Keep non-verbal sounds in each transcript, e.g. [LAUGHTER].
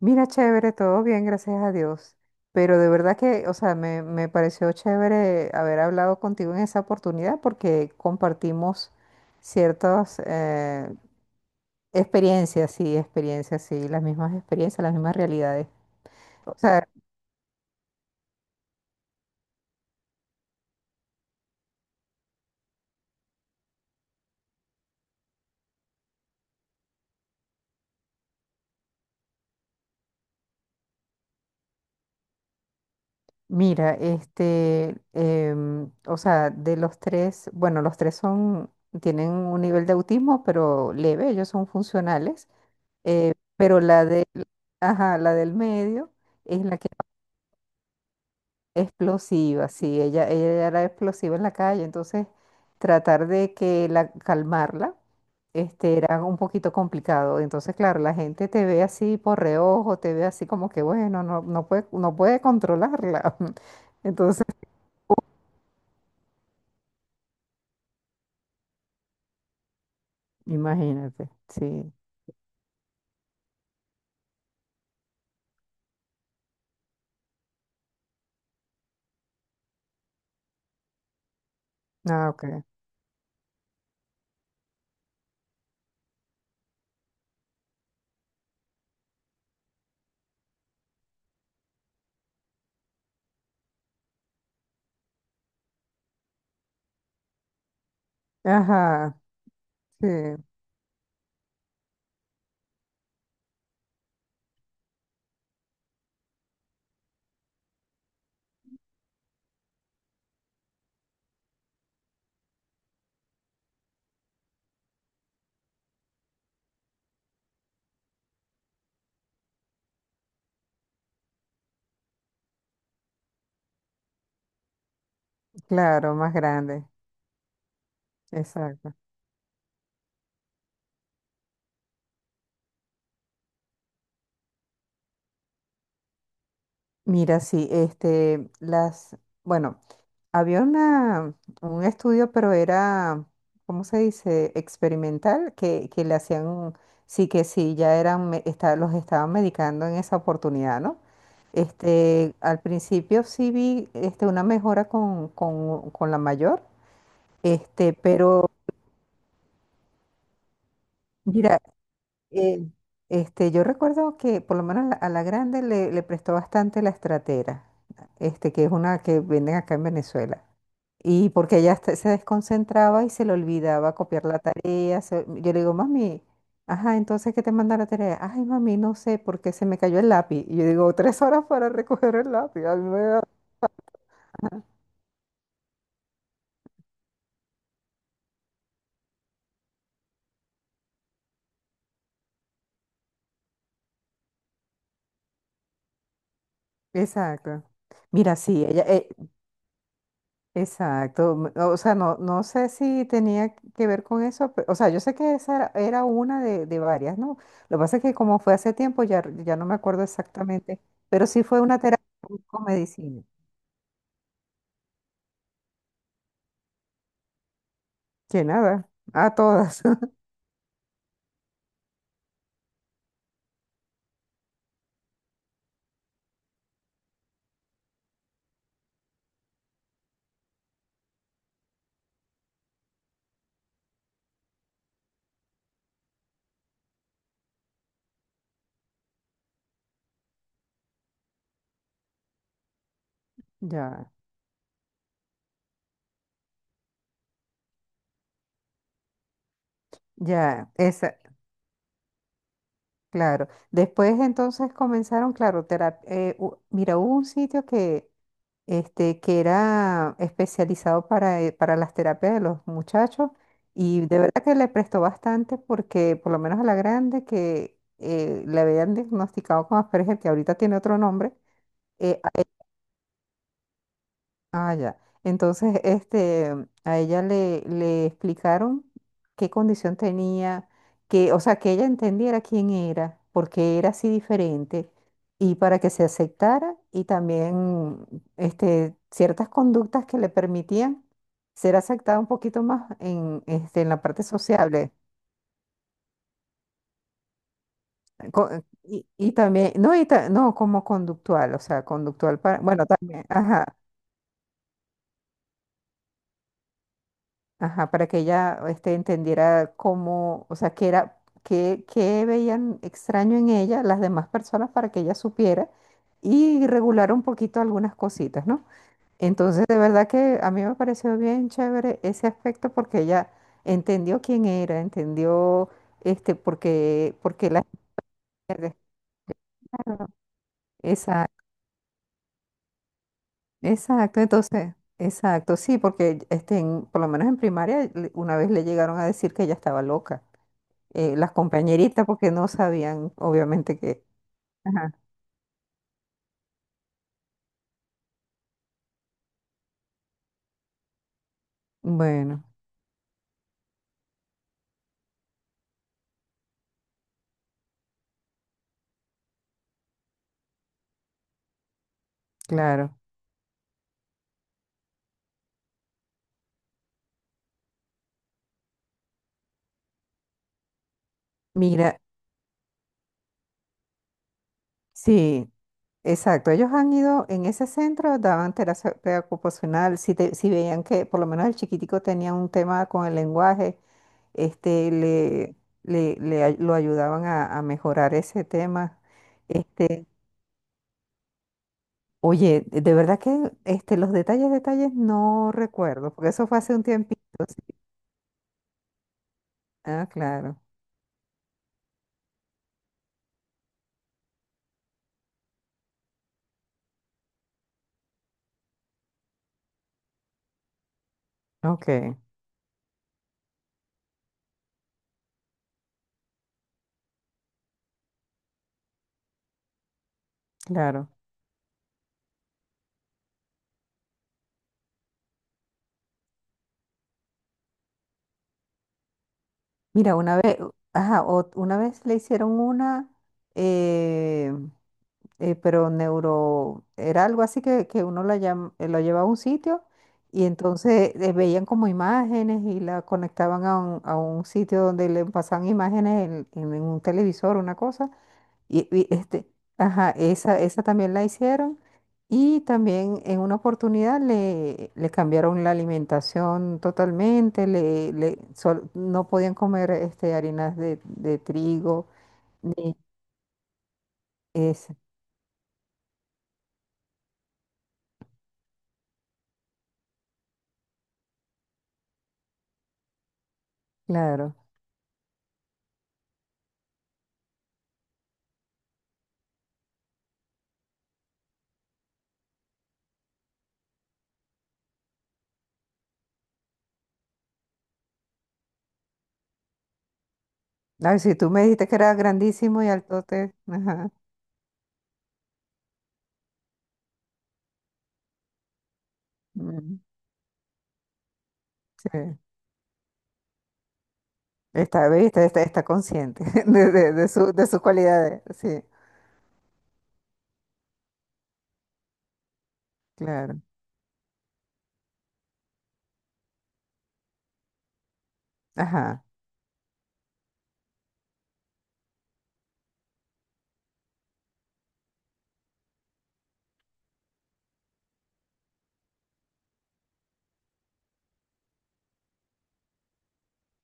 Mira, chévere, todo bien, gracias a Dios. Pero de verdad que, o sea, me pareció chévere haber hablado contigo en esa oportunidad porque compartimos ciertas experiencias, sí, las mismas experiencias, las mismas realidades. O sea, mira, este, o sea, de los tres, bueno, los tres son, tienen un nivel de autismo, pero leve, ellos son funcionales. Pero la de, ajá, la del medio es la que explosiva, sí, ella era explosiva en la calle, entonces tratar de que calmarla este, era un poquito complicado. Entonces, claro, la gente te ve así por reojo, te ve así como que, bueno, no, no puede controlarla. [LAUGHS] Entonces, imagínate, sí. Ah, ok. Ajá, sí, claro, más grande, exacto. Mira, sí, este, bueno. Había una, un estudio, pero era, ¿cómo se dice? Experimental, que le hacían, sí que sí, los estaban medicando en esa oportunidad, ¿no? Este, al principio sí vi este, una mejora con la mayor, este, pero mira, eh, este, yo recuerdo que por lo menos a la grande le prestó bastante la estratera, este, que es una que venden acá en Venezuela. Y porque ella hasta se desconcentraba y se le olvidaba copiar la tarea. Yo le digo, mami, ajá, entonces ¿qué te manda la tarea? Ay, mami, no sé, porque se me cayó el lápiz. Y yo digo, tres horas para recoger el lápiz. Exacto. Mira, sí, ella, exacto. O sea, no, no sé si tenía que ver con eso. O sea, yo sé que esa era una de varias, ¿no? Lo que pasa es que como fue hace tiempo, ya no me acuerdo exactamente, pero sí fue una terapia con medicina. Que nada, a todas. Ya, ya, esa, claro. Después entonces comenzaron, claro, mira, hubo un sitio que, este, que era especializado para las terapias de los muchachos y de verdad que le prestó bastante porque por lo menos a la grande que le habían diagnosticado con Asperger, que ahorita tiene otro nombre. Eh, Ah, ya. Entonces, este, a ella le explicaron qué condición tenía, que, o sea, que ella entendiera quién era, por qué era así diferente, y para que se aceptara, y también, este, ciertas conductas que le permitían ser aceptada un poquito más en, este, en la parte sociable. Co- y también, no, y no, como conductual, o sea, conductual para, bueno, también, ajá. Ajá, para que ella este, entendiera cómo, o sea, qué era, qué veían extraño en ella las demás personas para que ella supiera y regular un poquito algunas cositas, ¿no? Entonces, de verdad que a mí me pareció bien chévere ese aspecto porque ella entendió quién era, entendió este, porque la... Exacto, exacto, entonces, exacto, sí, porque este, por lo menos en primaria una vez le llegaron a decir que ella estaba loca. Las compañeritas porque no sabían, obviamente, que... Ajá. Bueno, claro. Mira, sí, exacto. Ellos han ido en ese centro, daban terapia ocupacional, si, si veían que por lo menos el chiquitico tenía un tema con el lenguaje, este, lo ayudaban a mejorar ese tema. Este, oye, de verdad que este, los detalles, detalles no recuerdo, porque eso fue hace un tiempito. Sí. Ah, claro. Ok, claro. Mira, una vez, ajá, una vez le hicieron una, eh, pero neuro, era algo así que, uno la lo llevaba a un sitio y entonces veían como imágenes y la conectaban a un sitio donde le pasaban imágenes en un televisor, una cosa. Este, ajá, esa también la hicieron. Y también en una oportunidad le cambiaron la alimentación totalmente, no podían comer este, harinas de trigo, ni ese, claro. Ay, si tú me dijiste que era grandísimo y altote, ajá. Mm, sí. Está, ¿viste? Está consciente [LAUGHS] de sus cualidades, sí, claro, ajá,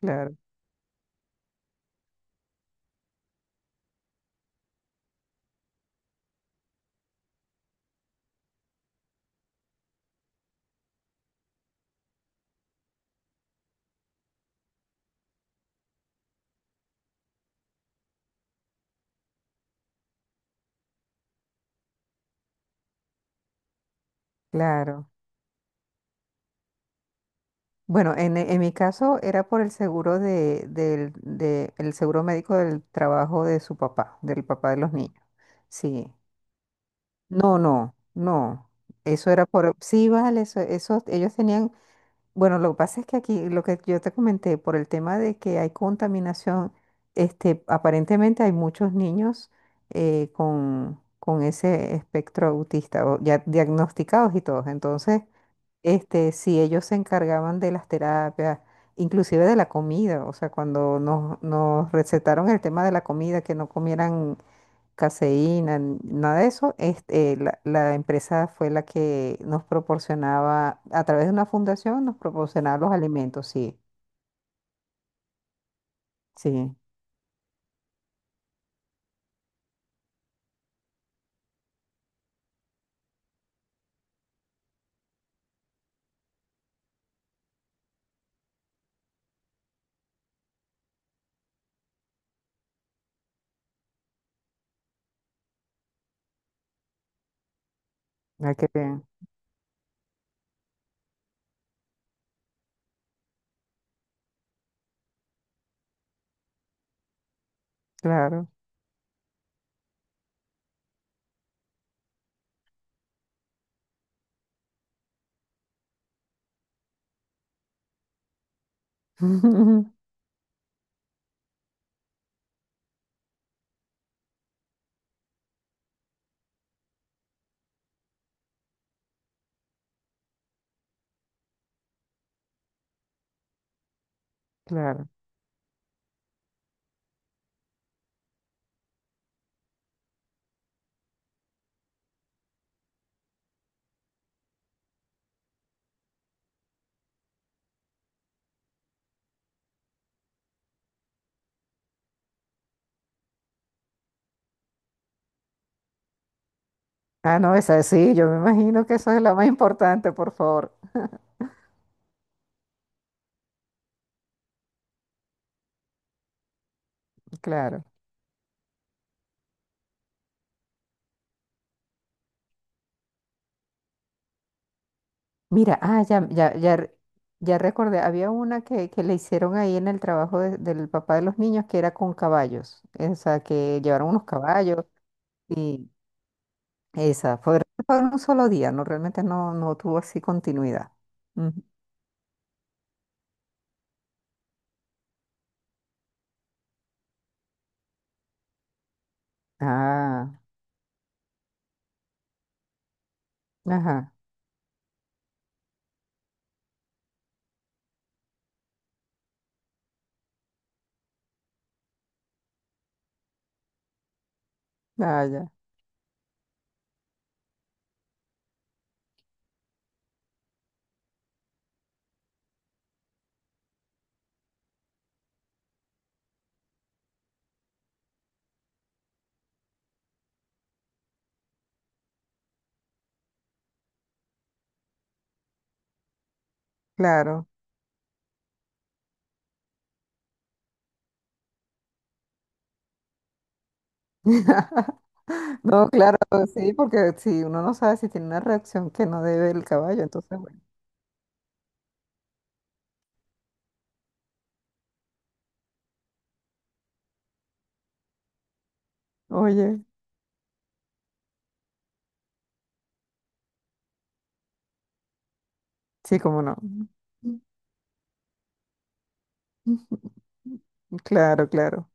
claro, claro. Bueno, en mi caso era por el seguro el seguro médico del trabajo de su papá, del papá de los niños. Sí. No, no, no. Eso era por, sí, vale, eso, ellos tenían, bueno, lo que pasa es que aquí, lo que yo te comenté, por el tema de que hay contaminación, este, aparentemente hay muchos niños con ese espectro autista, o ya diagnosticados y todos. Entonces, este, sí, ellos se encargaban de las terapias, inclusive de la comida, o sea, cuando nos, nos recetaron el tema de la comida, que no comieran caseína, nada de eso, este, la empresa fue la que nos proporcionaba, a través de una fundación, nos proporcionaba los alimentos, sí, sí, hay que bien, claro, [LAUGHS] claro. Ah, no, esa sí, yo me imagino que eso es lo más importante, por favor, claro. Mira, ah, ya recordé, había una que le hicieron ahí en el trabajo del papá de los niños que era con caballos, o sea, que llevaron unos caballos y esa, fue un solo día, no, realmente no tuvo así continuidad. Ujú. Ah, ajá, ah, ya, claro. [LAUGHS] No, claro, sí, porque si uno no sabe si tiene una reacción que no debe el caballo, entonces bueno, oye, sí, cómo no. [LAUGHS] Claro, claro.